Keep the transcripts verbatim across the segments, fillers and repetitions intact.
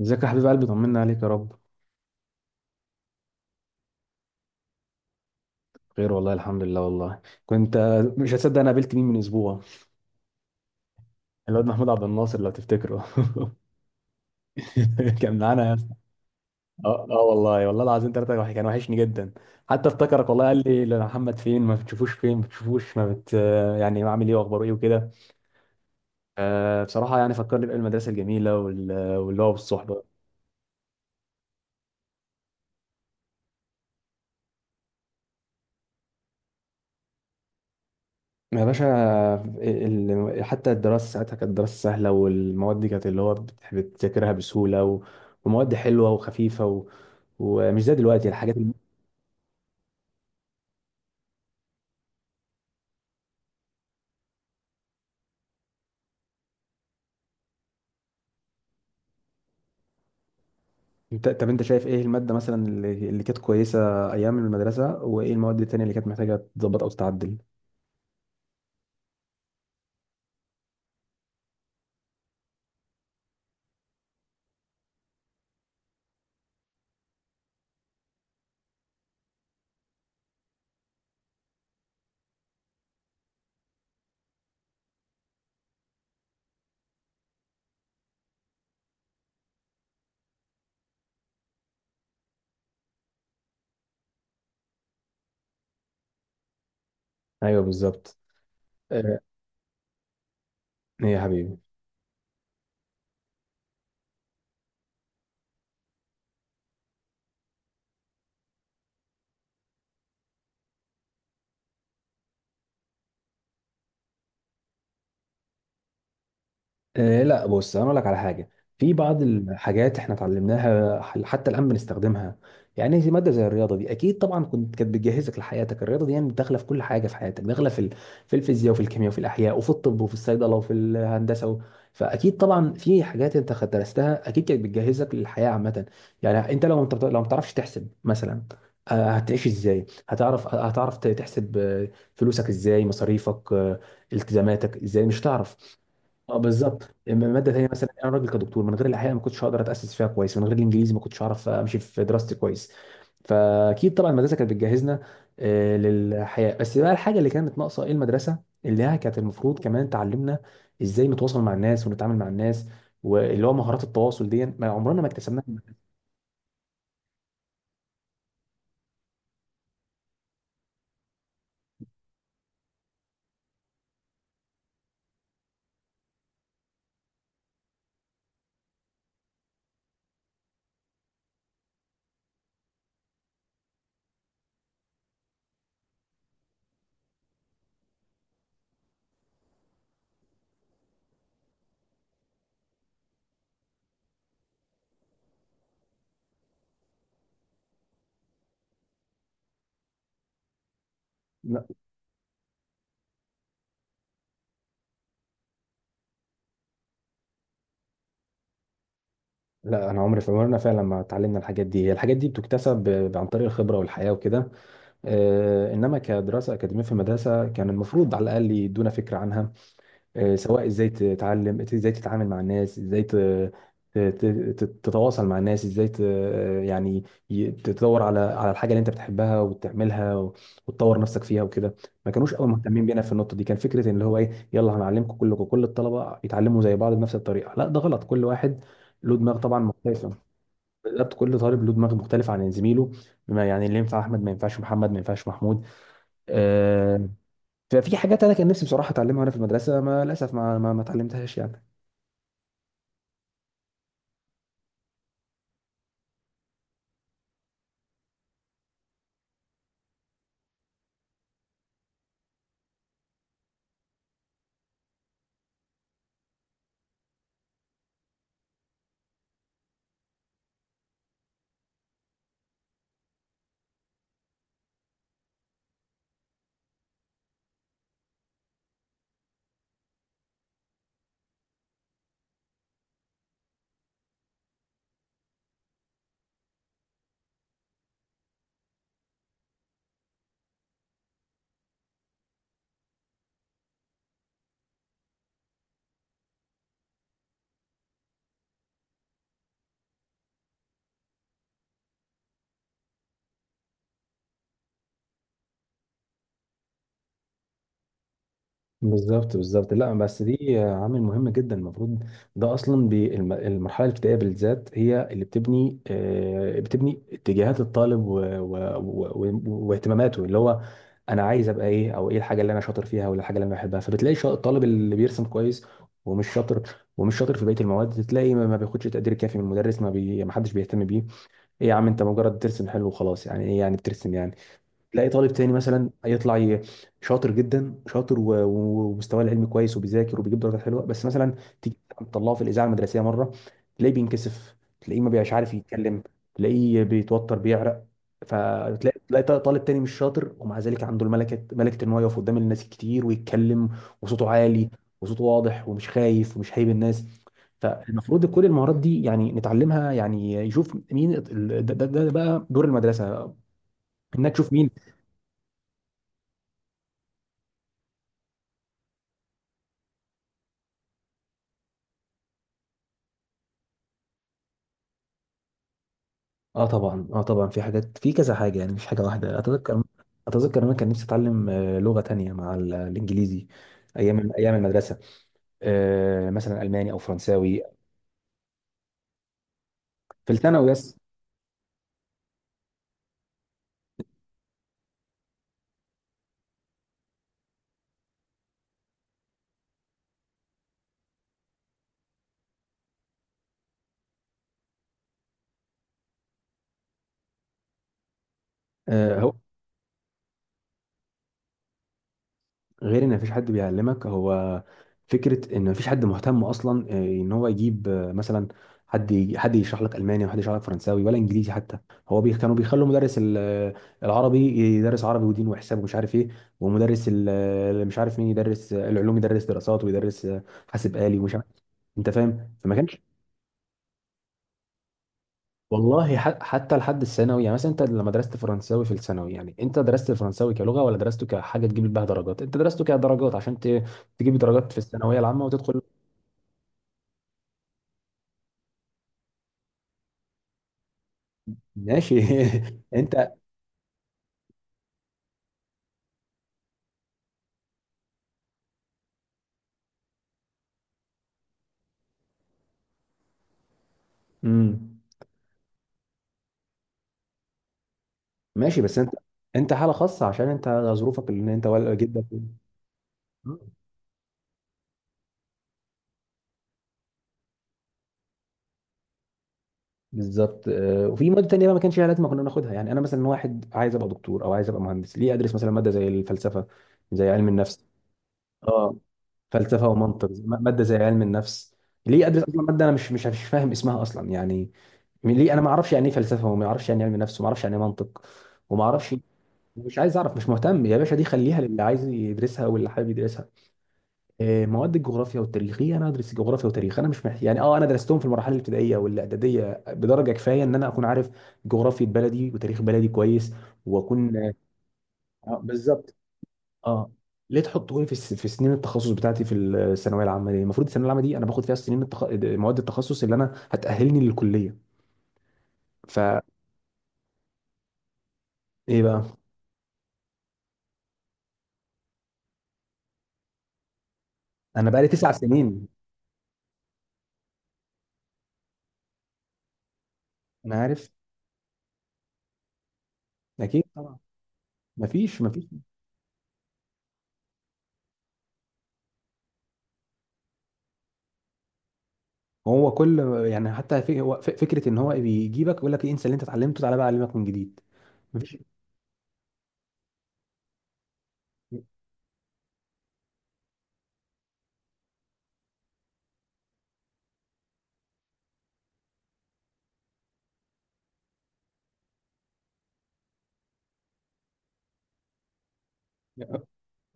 ازيك يا حبيب قلبي؟ طمنا عليك يا رب. خير والله، الحمد لله. والله كنت، آه، مش هتصدق، انا قابلت مين من اسبوع؟ الواد محمود عبد الناصر، لو تفتكره. كان معانا يا اسطى. اه آه، والله والله العظيم، ثلاثة وحي- كان وحشني جدا. حتى افتكرك والله، قال لي: لا، محمد فين ما بتشوفوش، فين ما بتشوفوش، ما بت يعني عامل ايه واخباره ايه وكده. آه، بصراحة يعني فكرني بأيام المدرسة الجميلة وال- واللي هو بالصحبة. يا باشا. ال- ال- حتى الدراسة ساعتها كانت دراسة سهلة، والمواد دي كانت اللي هو بت- بتذاكرها بسهولة و- ومواد حلوة وخفيفة و... ومش زي دلوقتي الحاجات الم... انت- طب انت شايف ايه المادة مثلا اللي, اللي كانت كويسة ايام المدرسة، وايه المواد التانية اللي كانت محتاجة تتظبط او تتعدل؟ ايوه بالظبط. آه، ايه يا حبيبي؟ آه، لا بص، انا اقول لك على حاجه. في بعض الحاجات احنا اتعلمناها ح- حتى الان بنستخدمها. يعني زي ماده زي الرياضه دي، اكيد طبعا كنت كانت بتجهزك لحياتك. الرياضه دي يعني داخله في كل حاجه في حياتك، داخله في ال... في الفيزياء وفي الكيمياء وفي الاحياء وفي الطب وفي الصيدله وفي الهندسه و... فاكيد طبعا في حاجات انت خ- درستها، اكيد كانت بتجهزك للحياه عامه. يعني انت لو انت بت- لو ما بتعرفش تحسب مثلا، آه، هتعيش ازاي؟ هتعرف، آه، هتعرف ت- تحسب، آه، فلوسك ازاي؟ مصاريفك، آه، التزاماتك ازاي؟ مش هتعرف. اه بالظبط. اما ماده تانيه مثلا، انا راجل كدكتور، من غير الاحياء ما كنتش هقدر اتاسس فيها كويس، من غير الانجليزي ما كنتش هعرف امشي في دراستي كويس. فاكيد طبعا المدرسه كانت بتجهزنا آه، للحياه. بس بقى الحاجه اللي كانت ناقصه ايه؟ المدرسه اللي هي كانت المفروض كمان تعلمنا ازاي نتواصل مع الناس ونتعامل مع الناس، واللي هو مهارات التواصل دي ما عمرنا ما اكتسبناها. لا. لا، انا عمري في عمرنا فعلا ما اتعلمنا الحاجات دي. هي الحاجات دي بتكتسب ب- عن طريق الخبره والحياه وكده. آه، انما كدراسه اكاديميه في المدرسه، كان المفروض على الاقل يدونا فكره عنها. آه، سواء ازاي تتعلم، ازاي تتعامل مع الناس، ازاي ت- ت- ت- تتواصل مع الناس، ازاي ت... يعني ي- تدور على على الحاجه اللي انت بتحبها وتعملها و- وتطور نفسك فيها وكده. ما كانوش قوي مهتمين بينا في النقطه دي. كان فكره ان هو ايه، يلا هنعلمكم كلكم، كل الطلبه يتعلموا زي بعض بنفس الطريقه. لا، ده غلط. كل واحد له دماغ طبعا مختلفه. بالظبط، كل طالب له دماغ مختلف عن زميله. بما يعني اللي ينفع احمد ما ينفعش محمد، ما ينفعش محمود. آه، ففي حاجات انا كان نفسي بصراحه اتعلمها وانا في المدرسه، ما للاسف ما ما ما اتعلمتهاش يعني. بالظبط بالظبط. لا، بس دي عامل مهم جدا. المفروض ده اصلا بي- الم- المرحله الابتدائيه بالذات هي اللي بتبني، آه، بتبني اتجاهات الطالب و- و- و- و- واهتماماته. اللي هو انا عايز ابقى ايه؟ او ايه الحاجه اللي انا شاطر فيها؟ ولا الحاجه اللي انا بحبها؟ فبتلاقي شا- الطالب اللي بيرسم كويس ومش شاطر، ومش شاطر في بقيه المواد، تلاقي ما ما بياخدش تقدير كافي من المدرس، ما بي... ما حدش بيهتم بيه. ايه يا عم، انت مجرد ترسم حلو وخلاص، يعني ايه يعني بترسم يعني. تلاقي طالب تاني مثلا يطلع ي- شاطر جدا، شاطر، و- و- ومستواه العلمي كويس، وبيذاكر وبيجيب درجات حلوه، بس مثلا تيجي تطلعه في الاذاعه المدرسيه مره، تلاقيه بينكسف، تلاقيه ما بيبقاش عارف يتكلم، تلاقيه بيتوتر، بيعرق. فتلاقي تلاقي ط- طالب تاني مش شاطر، ومع ذلك عنده الملكه، ملكه ان هو يقف قدام الناس كتير ويتكلم، وصوته عالي، وصوته واضح، ومش خايف، ومش هايب الناس. فالمفروض كل المهارات دي يعني نتعلمها، يعني يشوف مين ده, ده, ده بقى دور المدرسه، انك تشوف مين. اه طبعا، اه طبعا في حاجات، في كذا حاجه يعني مش حاجه واحده. اتذكر، اتذكر إن انا كان نفسي اتعلم آه، لغه تانية مع ال- الانجليزي ايام ايام المدرسه. آه، مثلا الماني او فرنساوي. في الثانوي بس. آه، هو غير ان مفيش حد بيعلمك، هو فكره ان مفيش حد مهتم اصلا، آه، ان هو يجيب آه، مثلا حد يجي- حد يشرح لك الماني، وحد يشرح لك فرنساوي ولا انجليزي حتى. هو بي كانوا بيخلوا مدرس ال- آه، العربي يدرس عربي ودين وحساب ومش عارف ايه، ومدرس ال- آه، مش عارف مين، يدرس آه، العلوم، يدرس دراسات، ويدرس آه، حاسب آلي ومش عارف. انت فاهم، فما كانش. والله ح- حتى لحد الثانوي. يعني مثلا انت لما درست فرنساوي في الثانوي، يعني انت درست الفرنساوي كلغه، ولا درسته كحاجه تجيب بيها درجات؟ انت درسته كدرجات عشان ت- تجيب درجات في الثانويه العامه وتدخل. ماشي. انت امم ماشي، بس انت، انت حاله خاصه عشان انت، ظروفك، ان انت ولا جدك. آه، بالظبط. آه، وفي مواد تانية بقى ما كانش ليها لازمه كنا ناخدها. يعني انا مثلا، واحد عايز ابقى دكتور او عايز ابقى مهندس، ليه ادرس مثلا ماده زي الفلسفه زي علم النفس؟ اه، فلسفه ومنطق، زي- ماده زي علم النفس. ليه ادرس اصلا ماده انا مش مش مش فاهم اسمها اصلا يعني؟ ليه انا ما اعرفش يعني ايه فلسفه، وما اعرفش يعني إيه علم نفس، وما اعرفش يعني ايه منطق، وما اعرفش. مش عايز اعرف، مش مهتم يا باشا، دي خليها للي عايز يدرسها واللي حابب يدرسها. إيه، مواد الجغرافيا والتاريخيه، انا ادرس الجغرافيا والتاريخ؟ انا مش محتاج يعني. اه انا درستهم في المراحل الابتدائيه والاعداديه بدرجه كفايه، ان انا اكون عارف جغرافيا بلدي وتاريخ بلدي كويس، واكون. آه، بالظبط. اه، ليه تحطوني في الس- في سنين التخصص بتاعتي في الثانويه العامه دي؟ المفروض الثانويه العامه دي انا باخد فيها سنين التخ... مواد التخصص اللي انا هتاهلني للكليه. فايه بقى؟ انا بقى لي تسع سنين. انا عارف. اكيد طبعا، مفيش، مفيش. هو كل، يعني حتى في... هو ف- فكره ان هو بيجيبك يقول لك إيه، انسى اللي انت اتعلمته، تعالى بقى اعلمك من جديد. مفيش.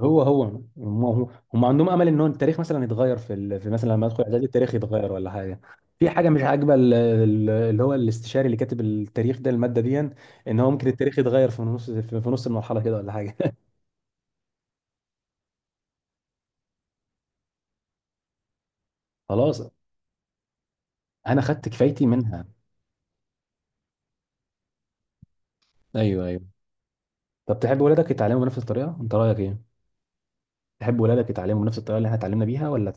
هو هو هم هم هم عندهم امل ان هو التاريخ مثلا يتغير في ال... في مثلا لما ادخل اعدادي التاريخ يتغير ولا حاجه؟ في حاجه مش عاجبه ال- ال- اللي هو الاستشاري، اللي كاتب التاريخ ده، الماده دي، ان هو ممكن التاريخ يتغير في نص، في في نص المرحله كده، ولا حاجه. خلاص، انا خدت كفايتي منها. ايوه ايوه. طب تحب ولادك يتعلموا بنفس الطريقه؟ انت رايك ايه؟ تحب ولادك يتعلموا بنفس الطريقه اللي احنا اتعلمنا بيها ولا؟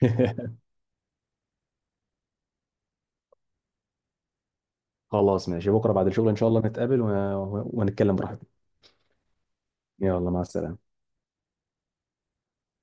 خلاص ماشي، بكره بعد الشغل ان شاء الله نتقابل و... ونتكلم براحتنا. يلا، مع السلامه.